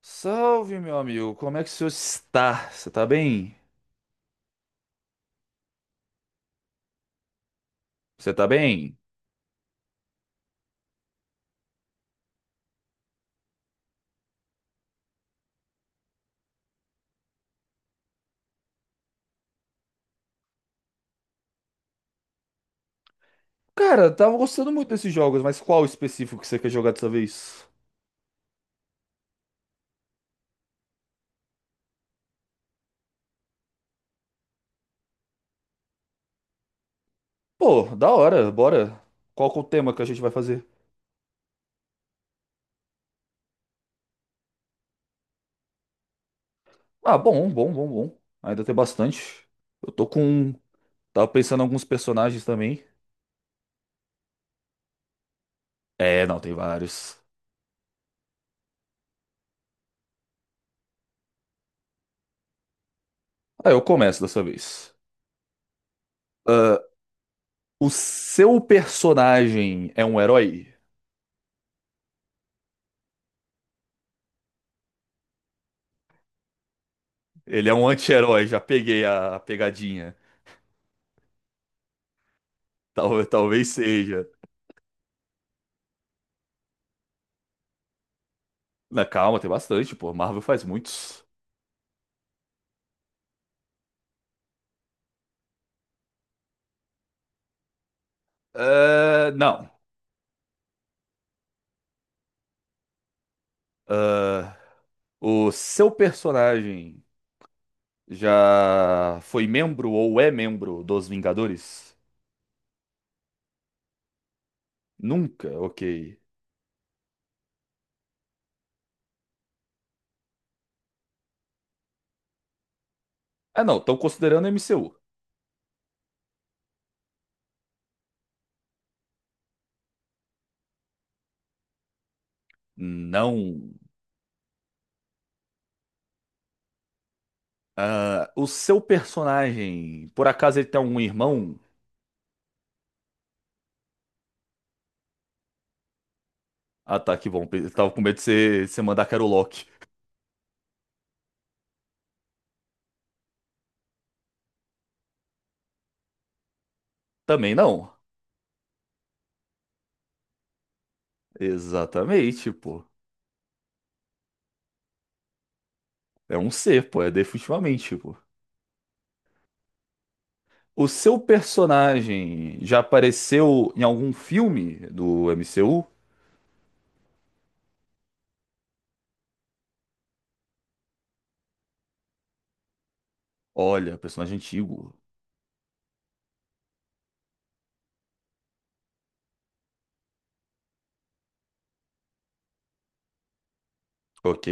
Salve, meu amigo. Como é que o senhor está? Você tá bem? Você tá bem? Cara, eu tava gostando muito desses jogos, mas qual específico que você quer jogar dessa vez? Pô, da hora, bora. Qual que é o tema que a gente vai fazer? Ah, bom, bom, bom, bom. Ainda tem bastante. Eu tô com. Tava pensando em alguns personagens também. É, não, tem vários. Ah, eu começo dessa vez. Ah, o seu personagem é um herói? Ele é um anti-herói, já peguei a pegadinha. Talvez seja. Na calma, tem bastante, pô. Marvel faz muitos. Ah, não. Ah, o seu personagem já foi membro ou é membro dos Vingadores? Nunca, ok. Ah, não, estão considerando MCU. Não. Ah, o seu personagem, por acaso ele tem um irmão? Ah, tá, que bom. Eu tava com medo de você mandar que era o Loki. Também não. Exatamente, pô. É um ser, pô. É definitivamente, pô. O seu personagem já apareceu em algum filme do MCU? Olha, personagem antigo. Ok.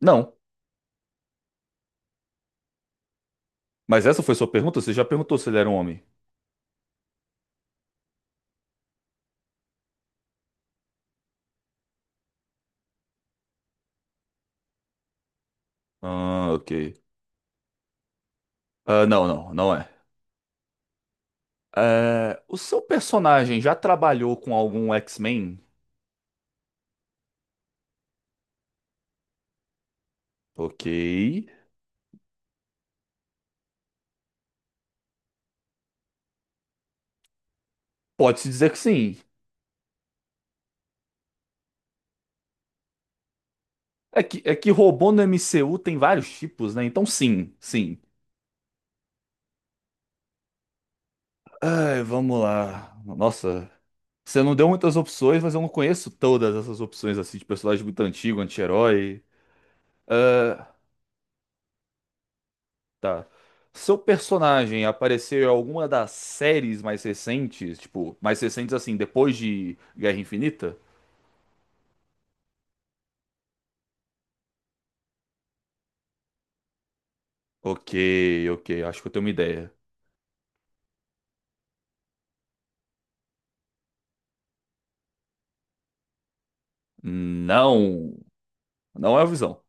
Não. Mas essa foi sua pergunta? Você já perguntou se ele era um homem? Ah, ok. Ah, não, não, não é. É, o seu personagem já trabalhou com algum X-Men? Ok. Pode-se dizer que sim. É que robô no MCU tem vários tipos, né? Então sim, sim. Ai, vamos lá. Nossa, você não deu muitas opções, mas eu não conheço todas essas opções assim de personagem muito antigo, anti-herói. Ah, tá. Seu personagem apareceu em alguma das séries mais recentes, tipo, mais recentes assim, depois de Guerra Infinita? Ok, ok, acho que eu tenho uma ideia. Não, não é o Visão.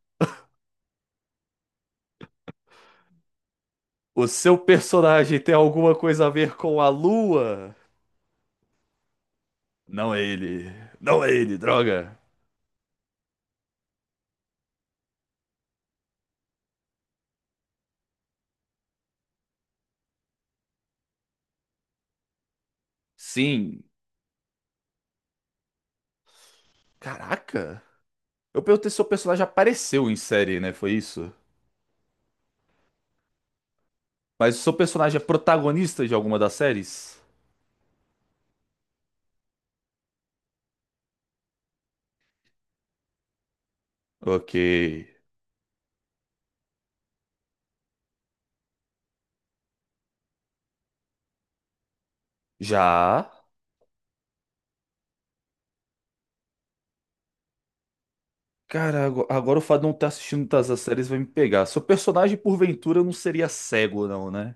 O seu personagem tem alguma coisa a ver com a Lua? Não é ele. Não é ele, droga. Sim. Caraca. Eu perguntei se seu personagem apareceu em série, né? Foi isso? Mas o seu personagem é protagonista de alguma das séries? Ok. Já? Cara, agora o fato de não estar assistindo todas as séries vai me pegar. Seu personagem, porventura, não seria cego, não, né?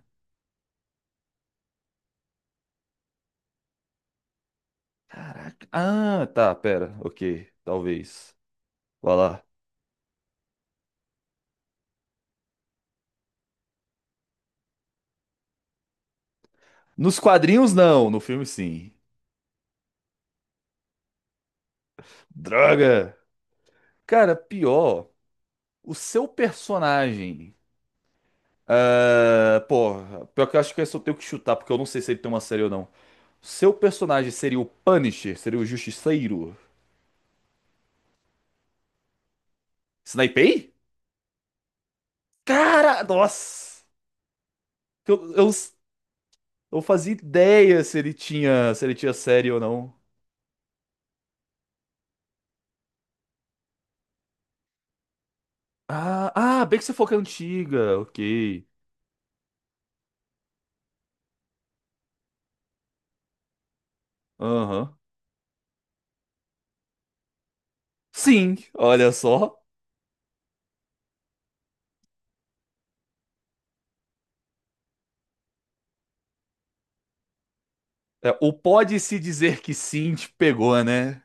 Ah, tá, pera. Ok, talvez. Vai lá. Nos quadrinhos, não. No filme, sim. Droga! Cara, pior, o seu personagem. Ah, pô, pior que eu acho que esse eu tenho que chutar, porque eu não sei se ele tem uma série ou não. Seu personagem seria o Punisher? Seria o Justiceiro? Snipei? Cara, nossa! Eu, eu, eu fazia ideia se ele tinha, se ele tinha série ou não. Ah, ah, bem que você falou que é antiga. Ok. Aham. Sim, olha só. É, o pode-se dizer que sim te pegou, né?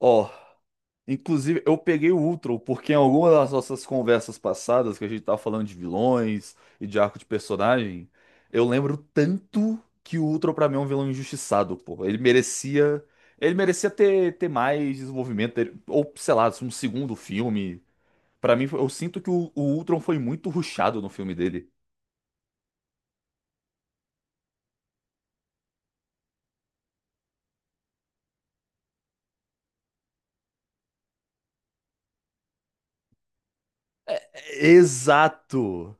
Ó. Inclusive, eu peguei o Ultron, porque em alguma das nossas conversas passadas, que a gente tava falando de vilões e de arco de personagem, eu lembro tanto que o Ultron pra mim é um vilão injustiçado, pô. Ele merecia ter, ter mais desenvolvimento, ter- ou sei lá, um segundo filme. Pra mim, eu sinto que o Ultron foi muito rushado no filme dele. Exato!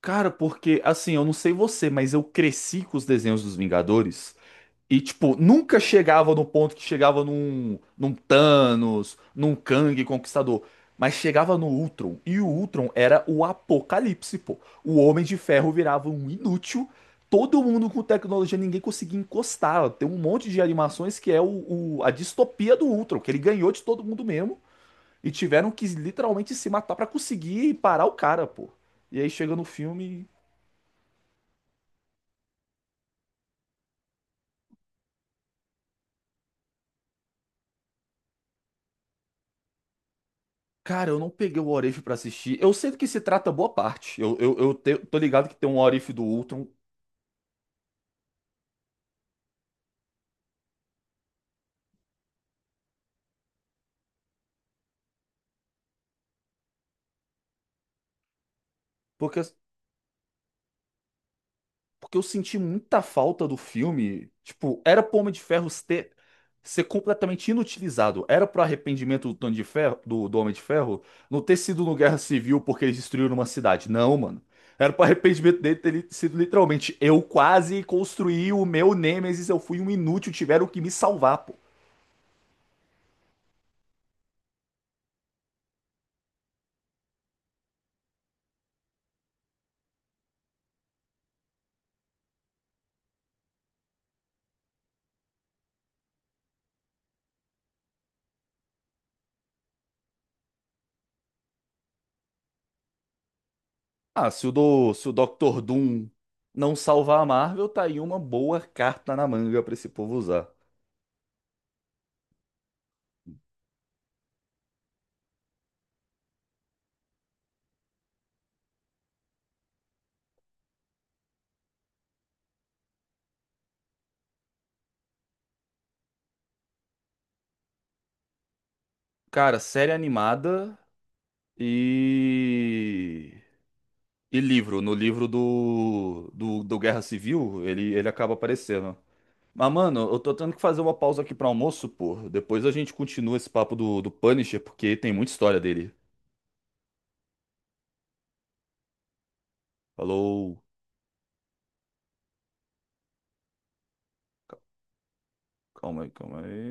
Cara, porque assim, eu não sei você, mas eu cresci com os desenhos dos Vingadores. E, tipo, nunca chegava no ponto que chegava num Thanos, num Kang Conquistador. Mas chegava no Ultron. E o Ultron era o apocalipse, pô. O Homem de Ferro virava um inútil. Todo mundo com tecnologia, ninguém conseguia encostar. Tem um monte de animações que é a distopia do Ultron, que ele ganhou de todo mundo mesmo. E tiveram que literalmente se matar pra conseguir parar o cara, pô. E aí chega no filme. Cara, eu não peguei o What If pra assistir. Eu sei do que se trata boa parte. Tô ligado que tem um What If do Ultron, porque, porque eu senti muita falta do filme. Tipo, era pro Homem de Ferro ter, ser completamente inutilizado. Era pro arrependimento do Tony de Ferro, do Homem de Ferro não ter sido no Guerra Civil porque eles destruíram uma cidade. Não, mano. Era pro arrependimento dele ter sido literalmente eu quase construí o meu Nemesis, eu fui um inútil, tiveram que me salvar. Ah, se o Doctor Doom não salvar a Marvel, tá aí uma boa carta na manga pra esse povo usar. Cara, série animada e. E livro. No livro do Guerra Civil, ele acaba aparecendo. Mas, mano, eu tô tendo que fazer uma pausa aqui pra almoço, pô. Depois a gente continua esse papo do Punisher, porque tem muita história dele. Falou. Calma aí, calma aí.